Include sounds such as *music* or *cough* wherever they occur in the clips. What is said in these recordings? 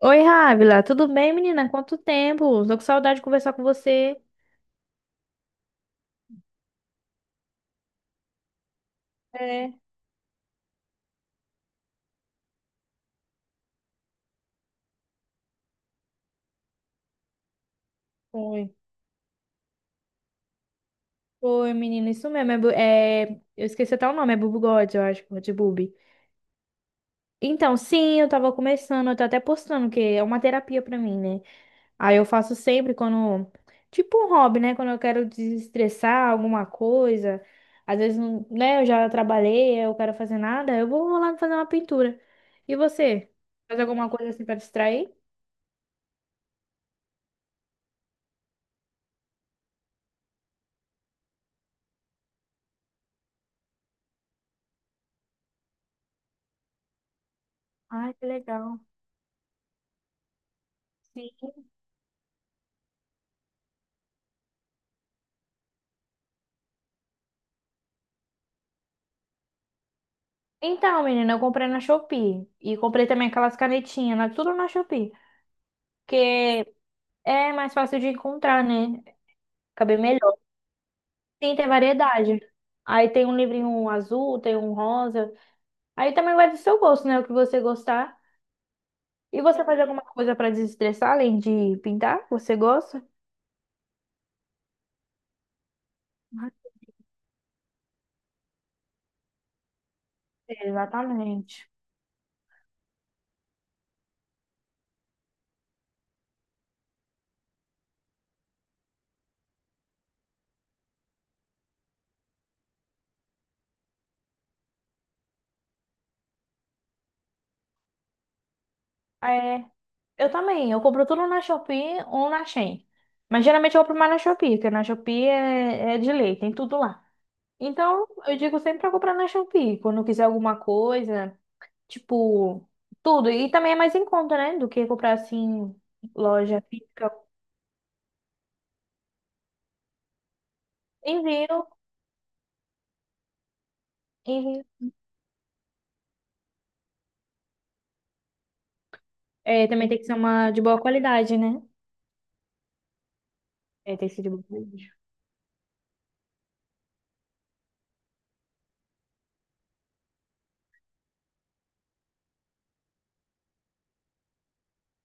Oi, Rávila, tudo bem, menina? Quanto tempo? Tô com saudade de conversar com você. É, foi. Oi, menina, isso mesmo. É, eu esqueci até o nome, é Bubu God, eu acho, de Bubi. Então, sim, eu tava começando, eu tô até postando, que é uma terapia pra mim, né? Aí eu faço sempre quando. Tipo um hobby, né? Quando eu quero desestressar alguma coisa. Às vezes, né, eu já trabalhei, eu quero fazer nada, eu vou lá fazer uma pintura. E você? Faz alguma coisa assim pra distrair? Ai, que legal. Sim. Então, menina, eu comprei na Shopee. E comprei também aquelas canetinhas, né? Tudo na Shopee. Porque é mais fácil de encontrar, né? Acabei melhor. Sim, tem variedade. Aí tem um livrinho azul, tem um rosa. Aí também vai do seu gosto, né? O que você gostar. E você faz alguma coisa pra desestressar, além de pintar? Você gosta? Ah, exatamente. É, eu também. Eu compro tudo na Shopee ou na Shein. Mas geralmente eu compro mais na Shopee, porque na Shopee é de lei, tem tudo lá. Então, eu digo sempre pra comprar na Shopee, quando eu quiser alguma coisa, tipo, tudo. E também é mais em conta, né? Do que comprar assim, loja física. Envio, envio. É, também tem que ser uma de boa qualidade, né? É, tem que ser de boa qualidade.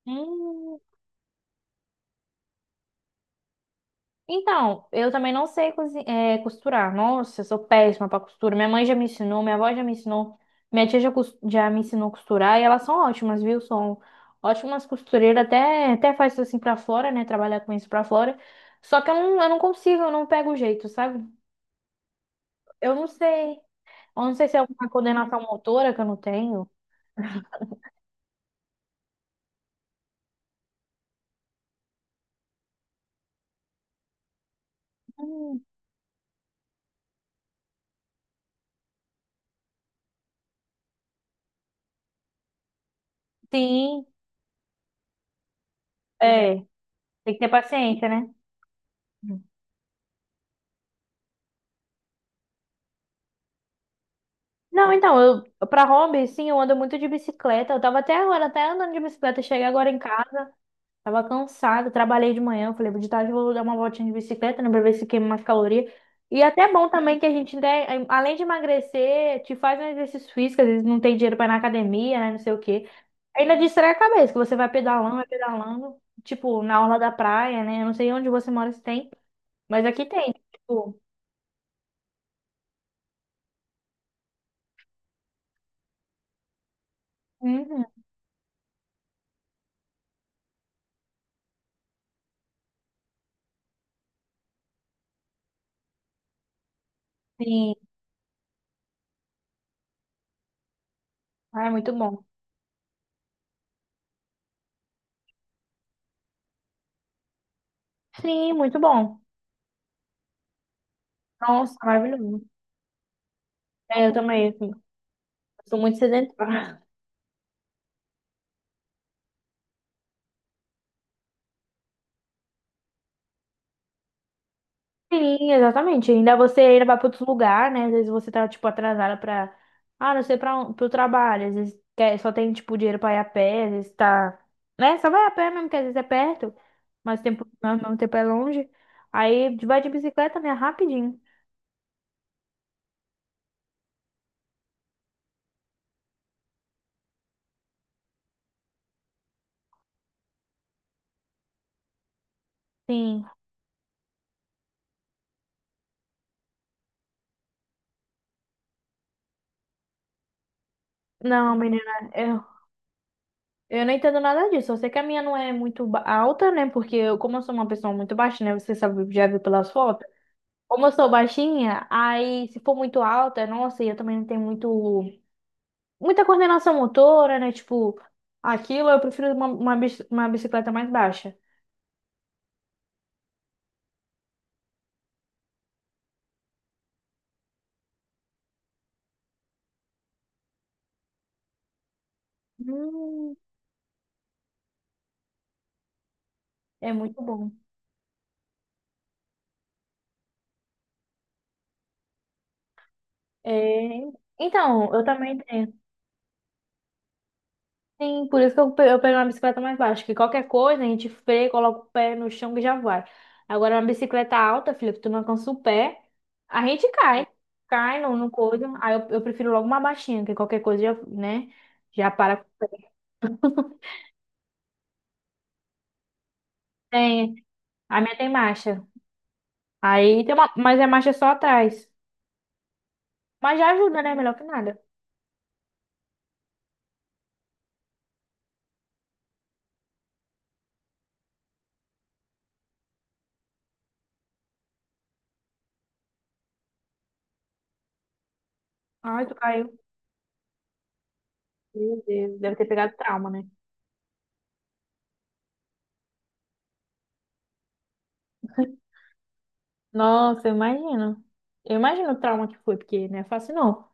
Hum, Então, eu também não sei costurar. Nossa, eu sou péssima para costura. Minha mãe já me ensinou, minha avó já me ensinou, minha tia já, já me ensinou a costurar e elas são ótimas, viu? São ótimas costureiras, até faz isso assim para fora, né? Trabalhar com isso para fora. Só que eu não consigo, eu não pego o jeito, sabe? Eu não sei. Eu não sei se é alguma coordenação motora que eu não tenho. Hum, Sim, é. Tem que ter paciência, né? Não, então, eu para hobby, sim, eu ando muito de bicicleta. Eu tava até agora, até andando de bicicleta, cheguei agora em casa, tava cansada, trabalhei de manhã, eu falei, de tarde eu vou dar uma voltinha de bicicleta, né, pra ver se queima mais caloria. E é até bom também que a gente, né, além de emagrecer, te faz um exercício físico, às vezes não tem dinheiro pra ir na academia, né, não sei o quê. Ainda distrai a cabeça, que você vai pedalando, tipo, na orla da praia, né? Eu não sei onde você mora se tem, mas aqui tem, tipo, uhum, sim, ah, é muito bom. Sim, muito bom. Nossa, maravilhoso. É, eu também, assim, sou muito sedentária. *laughs* Sim, exatamente. Ainda você ainda vai para outro lugar, né? Às vezes você tá, tipo, atrasada para, ah, não sei, para o trabalho. Às vezes quer, só tem, tipo, dinheiro para ir a pé, às vezes tá, né? Só vai a pé mesmo, que às vezes é perto, mas tempo, ao mesmo tempo é longe. Aí vai de bicicleta, né? Rapidinho. Sim. Não, menina, eu, eu não entendo nada disso. Eu sei que a minha não é muito alta, né? Porque eu, como eu sou uma pessoa muito baixa, né? Você sabe, já viu pelas fotos. Como eu sou baixinha, aí se for muito alta, nossa, e eu também não tenho muito, muita coordenação motora, né? Tipo, aquilo eu prefiro uma bicicleta mais baixa. Hum, É muito bom. É... Então, eu também tenho. Sim, por isso que eu pego uma bicicleta mais baixa, que qualquer coisa a gente freia, coloca o pé no chão e já vai. Agora, uma bicicleta alta, filha, que tu não alcança o pé, a gente cai. Cai no, no coisa. Aí eu prefiro logo uma baixinha, que qualquer coisa já, né? Já para. Tem. A minha tem marcha. Aí tem uma, mas é marcha só atrás. Mas já ajuda, né? Melhor que nada. Ai, tu caiu. Meu Deus, deve ter pegado trauma, né? *laughs* Nossa, eu imagino. Eu imagino o trauma que foi, porque não é fácil não.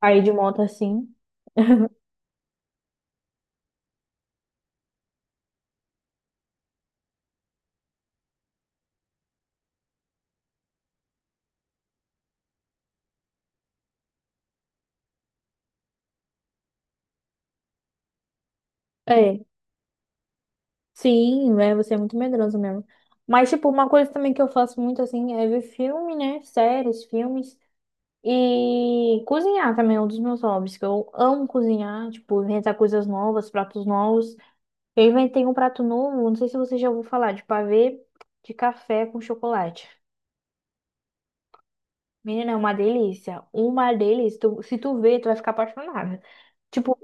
Cair de moto assim. *laughs* É, sim, é, você é muito medroso mesmo. Mas, tipo, uma coisa também que eu faço muito, assim, é ver filme, né? Séries, filmes. E cozinhar também é um dos meus hobbies, que eu amo cozinhar, tipo, inventar coisas novas, pratos novos. Eu inventei um prato novo, não sei se você já ouviu falar, de pavê de café com chocolate. Menina, é uma delícia. Uma delícia. Se tu ver, tu vai ficar apaixonada. Tipo,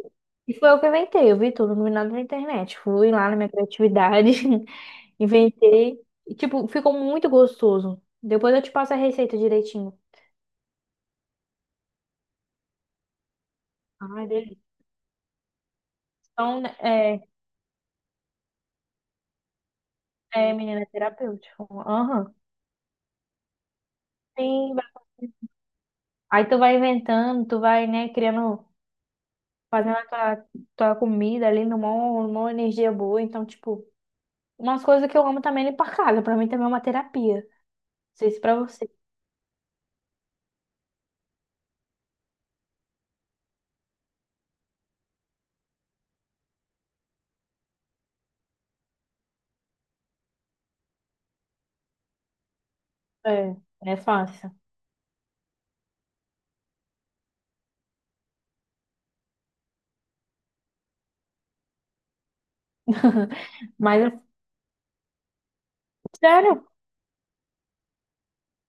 e foi eu que inventei. Eu vi tudo, no vi nada na internet. Fui lá na minha criatividade, *laughs* inventei. E, tipo, ficou muito gostoso. Depois eu te passo a receita direitinho. Ai, delícia. Então, menina, é terapêutico. Aham. Sim, vai- aí tu vai inventando, tu vai, né, criando. Fazendo a tua, tua comida ali numa energia boa. Então, tipo, umas coisas que eu amo também é limpar a casa. Pra mim também é uma terapia. Não sei se pra você é, é fácil. *laughs* Mas, é sério.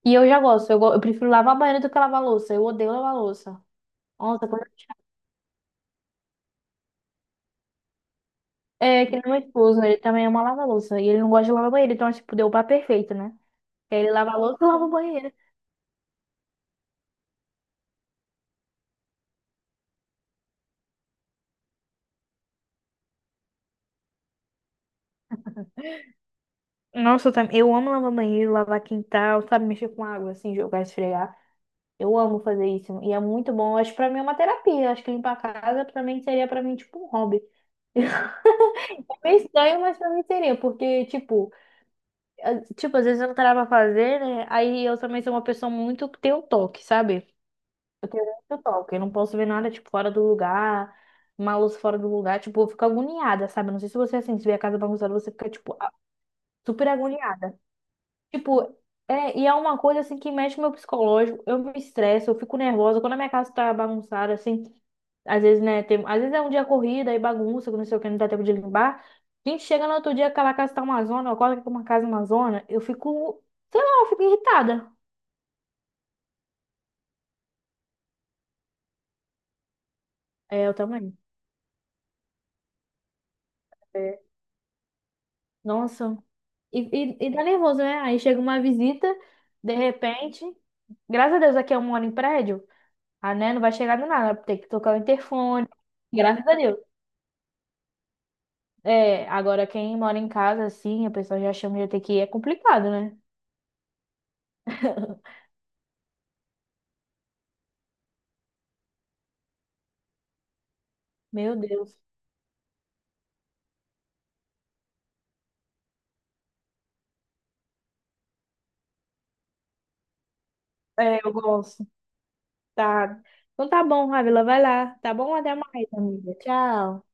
E eu já gosto. Eu prefiro lavar banheiro do que lavar louça. Eu odeio lavar louça. Nossa, quando eu... É, que nem meu esposo, ele também ama lavar louça. E ele não gosta de lavar banheiro. Então, tipo, deu o par perfeito, né? Que aí ele lava a louça e lava o banheiro. Nossa, eu amo lavar banheiro, lavar quintal, sabe? Mexer com água, assim, jogar, esfregar. Eu amo fazer isso. E é muito bom. Eu acho que pra mim é uma terapia. Eu acho que limpar a casa pra mim seria pra mim tipo um hobby. *laughs* Meio estranho, mas pra mim seria, porque, tipo, tipo, às vezes eu não tava pra fazer, né? Aí eu também sou uma pessoa muito que tem o toque, sabe? Eu tenho muito toque. Eu não posso ver nada, tipo, fora do lugar, uma luz fora do lugar. Tipo, eu fico agoniada, sabe? Não sei se você, é assim, se vê a casa bagunçada, você fica, tipo, super agoniada. Tipo, e é uma coisa assim que mexe com o meu psicológico. Eu me estresso, eu fico nervosa. Quando a minha casa tá bagunçada, assim, às vezes, né, tem, às vezes é um dia corrida e bagunça, que não sei o que, não dá tempo de limpar. A gente chega no outro dia, aquela casa tá uma zona, eu acordo com uma casa uma zona, eu fico, sei lá, eu fico irritada. É, eu também. É. Nossa. E, e dá nervoso, né? Aí chega uma visita, de repente, graças a Deus aqui eu moro em prédio, a né, não vai chegar do nada, tem que tocar o interfone. Graças a Deus. É, agora quem mora em casa, assim, a pessoa já chama de ETQ, é complicado, né? *laughs* Meu Deus. É, eu gosto. Tá. Então tá bom, Ávila, vai lá. Tá bom? Até mais, amiga. Tchau.